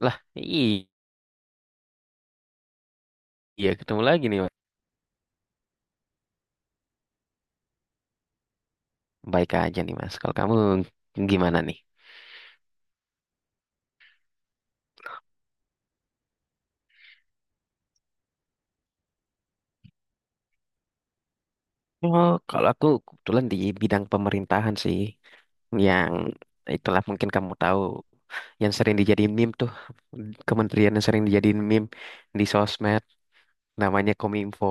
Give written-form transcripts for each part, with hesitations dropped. Lah, iya ketemu lagi nih, Mas. Baik aja nih, Mas. Kalau kamu gimana nih? Oh, kalau aku kebetulan di bidang pemerintahan sih, yang itulah mungkin kamu tahu, yang sering dijadiin meme tuh, kementerian yang sering dijadiin meme di sosmed, namanya Kominfo,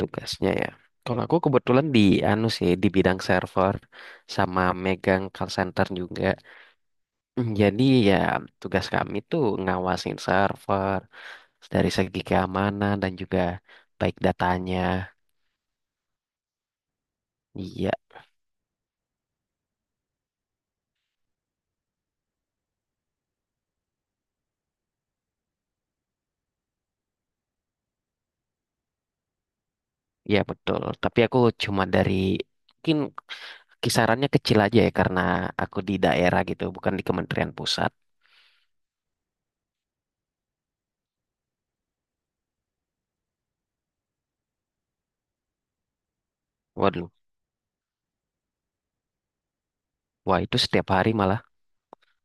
tugasnya ya. Kalau aku kebetulan di anu sih, di bidang server sama megang call center juga. Jadi ya tugas kami tuh ngawasin server dari segi keamanan dan juga baik datanya. Iya, iya betul. Tapi aku cuma dari mungkin kisarannya kecil aja ya karena aku di daerah gitu, bukan di Kementerian Pusat. Waduh, wah itu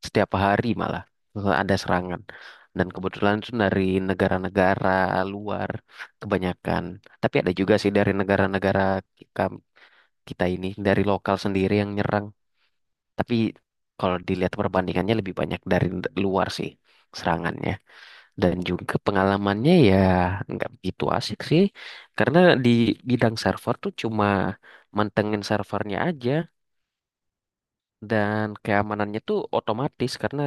setiap hari malah ada serangan. Dan kebetulan itu dari negara-negara luar kebanyakan. Tapi ada juga sih dari negara-negara kita ini dari lokal sendiri yang nyerang. Tapi kalau dilihat perbandingannya lebih banyak dari luar sih serangannya dan juga pengalamannya ya nggak begitu asik sih karena di bidang server tuh cuma mantengin servernya aja dan keamanannya tuh otomatis karena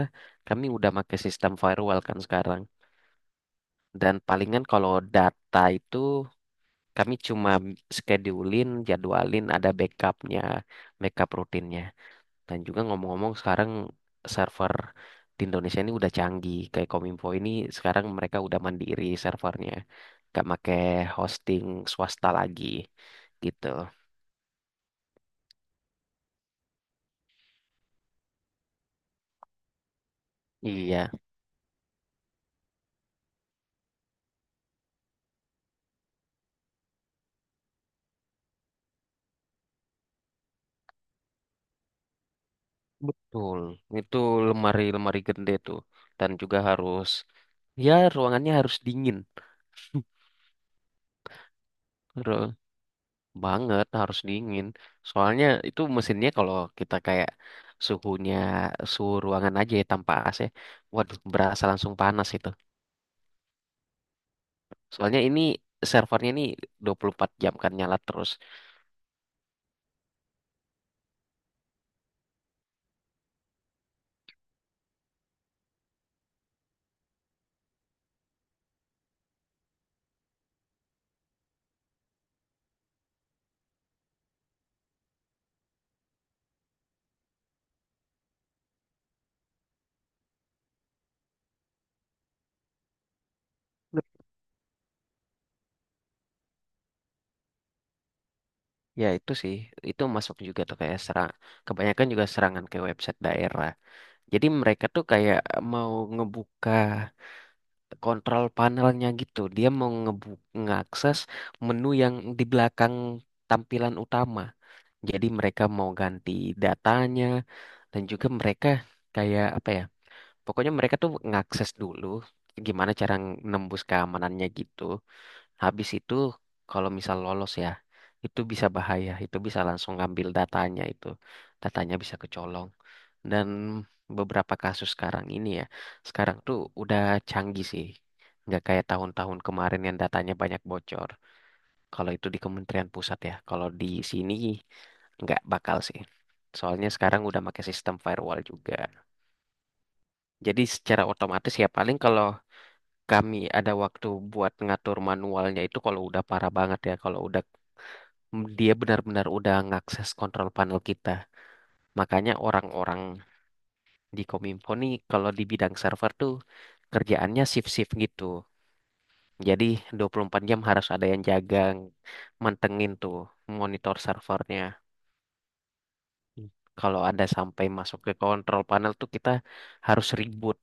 kami udah pakai sistem firewall kan sekarang dan palingan kalau data itu kami cuma schedulein jadwalin ada backupnya backup rutinnya. Dan juga ngomong-ngomong sekarang server di Indonesia ini udah canggih. Kayak Kominfo ini sekarang mereka udah mandiri servernya. Gak make hosting swasta lagi gitu. Iya, betul. Itu lemari-lemari gede tuh. Dan juga harus, ya ruangannya harus dingin. Ru- Banget harus dingin. Soalnya itu mesinnya kalau kita kayak suhunya suhu ruangan aja ya tanpa AC, waduh berasa langsung panas itu. Soalnya ini servernya ini 24 jam kan nyala terus. Ya itu sih, itu masuk juga tuh kayak serang. Kebanyakan juga serangan ke website daerah. Jadi mereka tuh kayak mau ngebuka kontrol panelnya gitu. Dia mau ngeakses menu yang di belakang tampilan utama. Jadi mereka mau ganti datanya dan juga mereka kayak apa ya? Pokoknya mereka tuh ngakses dulu gimana cara nembus keamanannya gitu. Habis itu kalau misal lolos ya, itu bisa bahaya, itu bisa langsung ngambil datanya itu. Datanya bisa kecolong. Dan beberapa kasus sekarang ini ya, sekarang tuh udah canggih sih. Nggak kayak tahun-tahun kemarin yang datanya banyak bocor. Kalau itu di Kementerian Pusat ya, kalau di sini nggak bakal sih. Soalnya sekarang udah pakai sistem firewall juga. Jadi secara otomatis ya paling kalau kami ada waktu buat ngatur manualnya itu kalau udah parah banget ya, kalau udah dia benar-benar udah ngakses kontrol panel kita. Makanya orang-orang di Kominfo nih kalau di bidang server tuh kerjaannya shift-shift gitu. Jadi 24 jam harus ada yang jaga, mantengin tuh monitor servernya. Kalau ada sampai masuk ke kontrol panel tuh kita harus reboot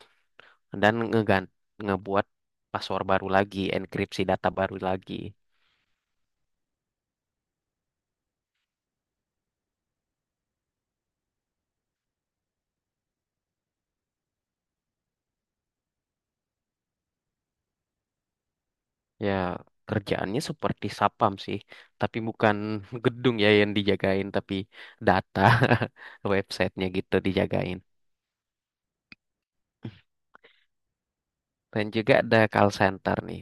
dan ngebuat password baru lagi, enkripsi data baru lagi. Ya, kerjaannya seperti sapam sih, tapi bukan gedung ya yang dijagain, tapi data websitenya gitu dijagain. Dan juga ada call center nih.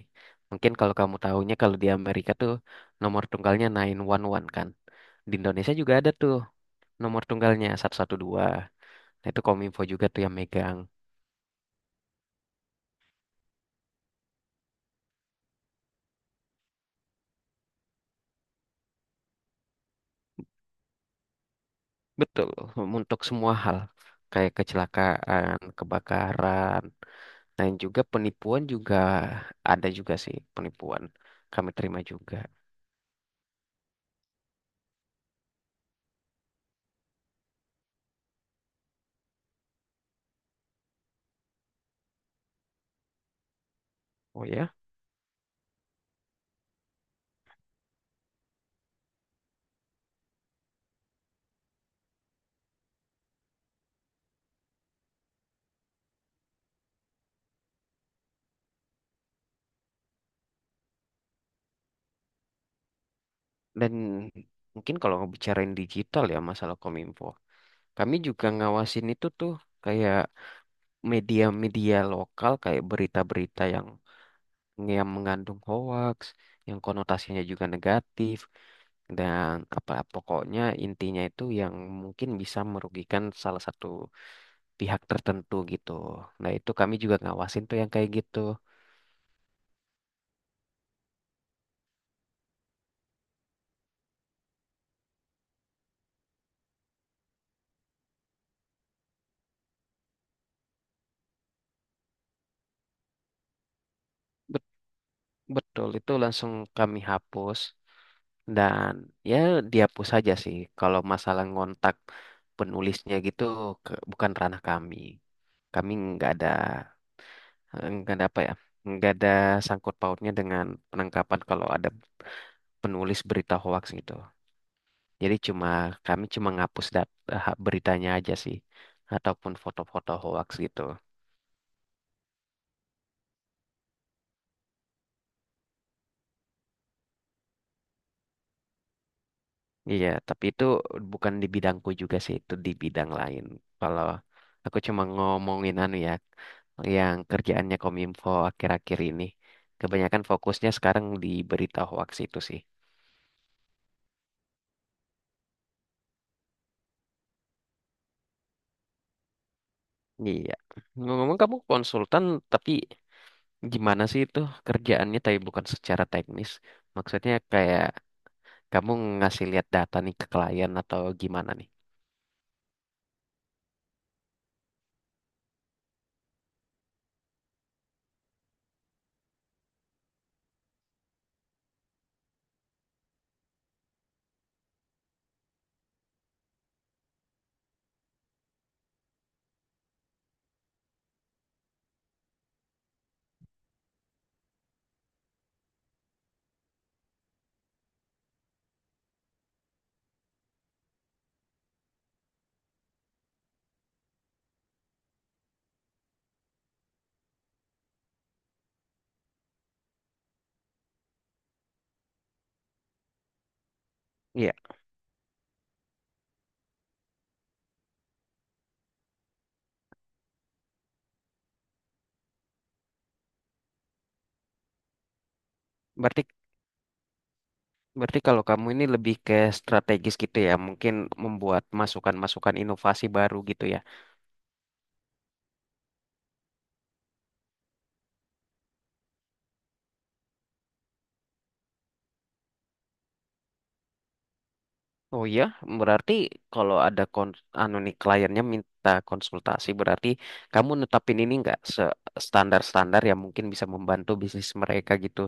Mungkin kalau kamu tahunya kalau di Amerika tuh nomor tunggalnya 911 kan. Di Indonesia juga ada tuh nomor tunggalnya 112. Nah itu Kominfo juga tuh yang megang. Betul, untuk semua hal. Kayak kecelakaan, kebakaran, dan juga penipuan juga ada juga sih penipuan. Kami terima juga. Oh ya. Dan mungkin kalau ngebicarain digital ya masalah Kominfo. Kami juga ngawasin itu tuh kayak media-media lokal kayak berita-berita yang mengandung hoax, yang konotasinya juga negatif dan apa pokoknya intinya itu yang mungkin bisa merugikan salah satu pihak tertentu gitu. Nah, itu kami juga ngawasin tuh yang kayak gitu. Betul, itu langsung kami hapus dan ya dihapus saja sih. Kalau masalah ngontak penulisnya gitu bukan ranah kami. Kami nggak ada nggak ada apa ya, nggak ada sangkut pautnya dengan penangkapan kalau ada penulis berita hoax gitu. Jadi cuma kami cuma ngapus beritanya aja sih ataupun foto-foto hoax gitu. Iya, tapi itu bukan di bidangku juga sih, itu di bidang lain. Kalau aku cuma ngomongin anu ya, yang kerjaannya Kominfo akhir-akhir ini. Kebanyakan fokusnya sekarang di berita hoax itu sih. Iya. Ngomong-ngomong kamu konsultan, tapi gimana sih itu kerjaannya tapi bukan secara teknis? Maksudnya kayak kamu ngasih lihat data nih ke klien atau gimana nih? Iya. Berarti Berarti kalau kamu ini lebih ke strategis gitu ya, mungkin membuat masukan-masukan inovasi baru gitu ya. Oh iya, berarti kalau ada anu nih kliennya minta konsultasi, berarti kamu netapin ini nggak standar-standar yang mungkin bisa membantu bisnis mereka gitu.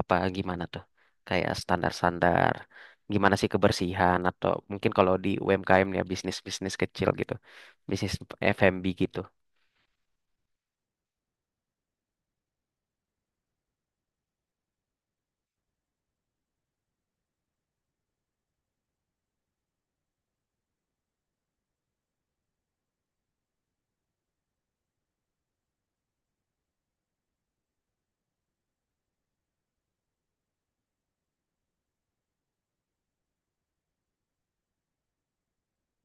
Apa gimana tuh? Kayak standar-standar gimana sih kebersihan atau mungkin kalau di UMKM ya bisnis-bisnis kecil gitu. Bisnis F&B gitu.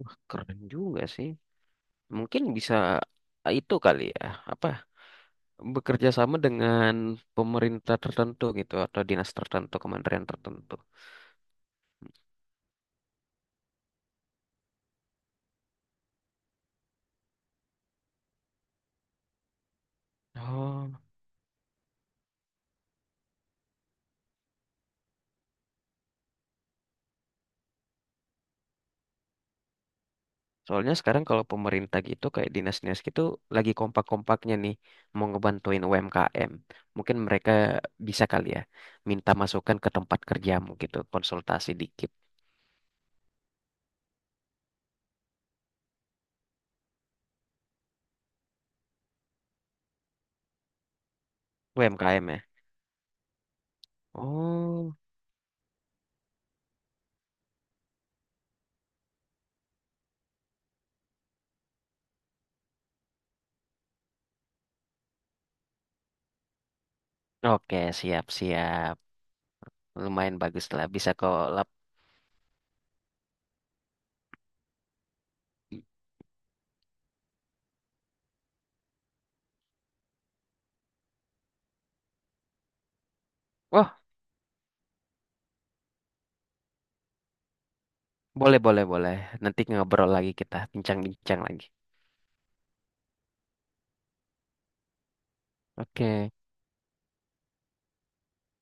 Wah, keren juga sih. Mungkin bisa itu kali ya, apa bekerja sama dengan pemerintah tertentu gitu atau dinas tertentu, kementerian tertentu. Oh. Soalnya sekarang kalau pemerintah gitu kayak dinas-dinas gitu lagi kompak-kompaknya nih mau ngebantuin UMKM. Mungkin mereka bisa kali ya minta masukan ke tempat kerjamu gitu, konsultasi dikit. UMKM ya. Oh. Oke, siap-siap. Lumayan bagus lah bisa kok lap. Wah, Boleh, boleh, boleh. Nanti ngobrol lagi kita, bincang-bincang lagi. Oke.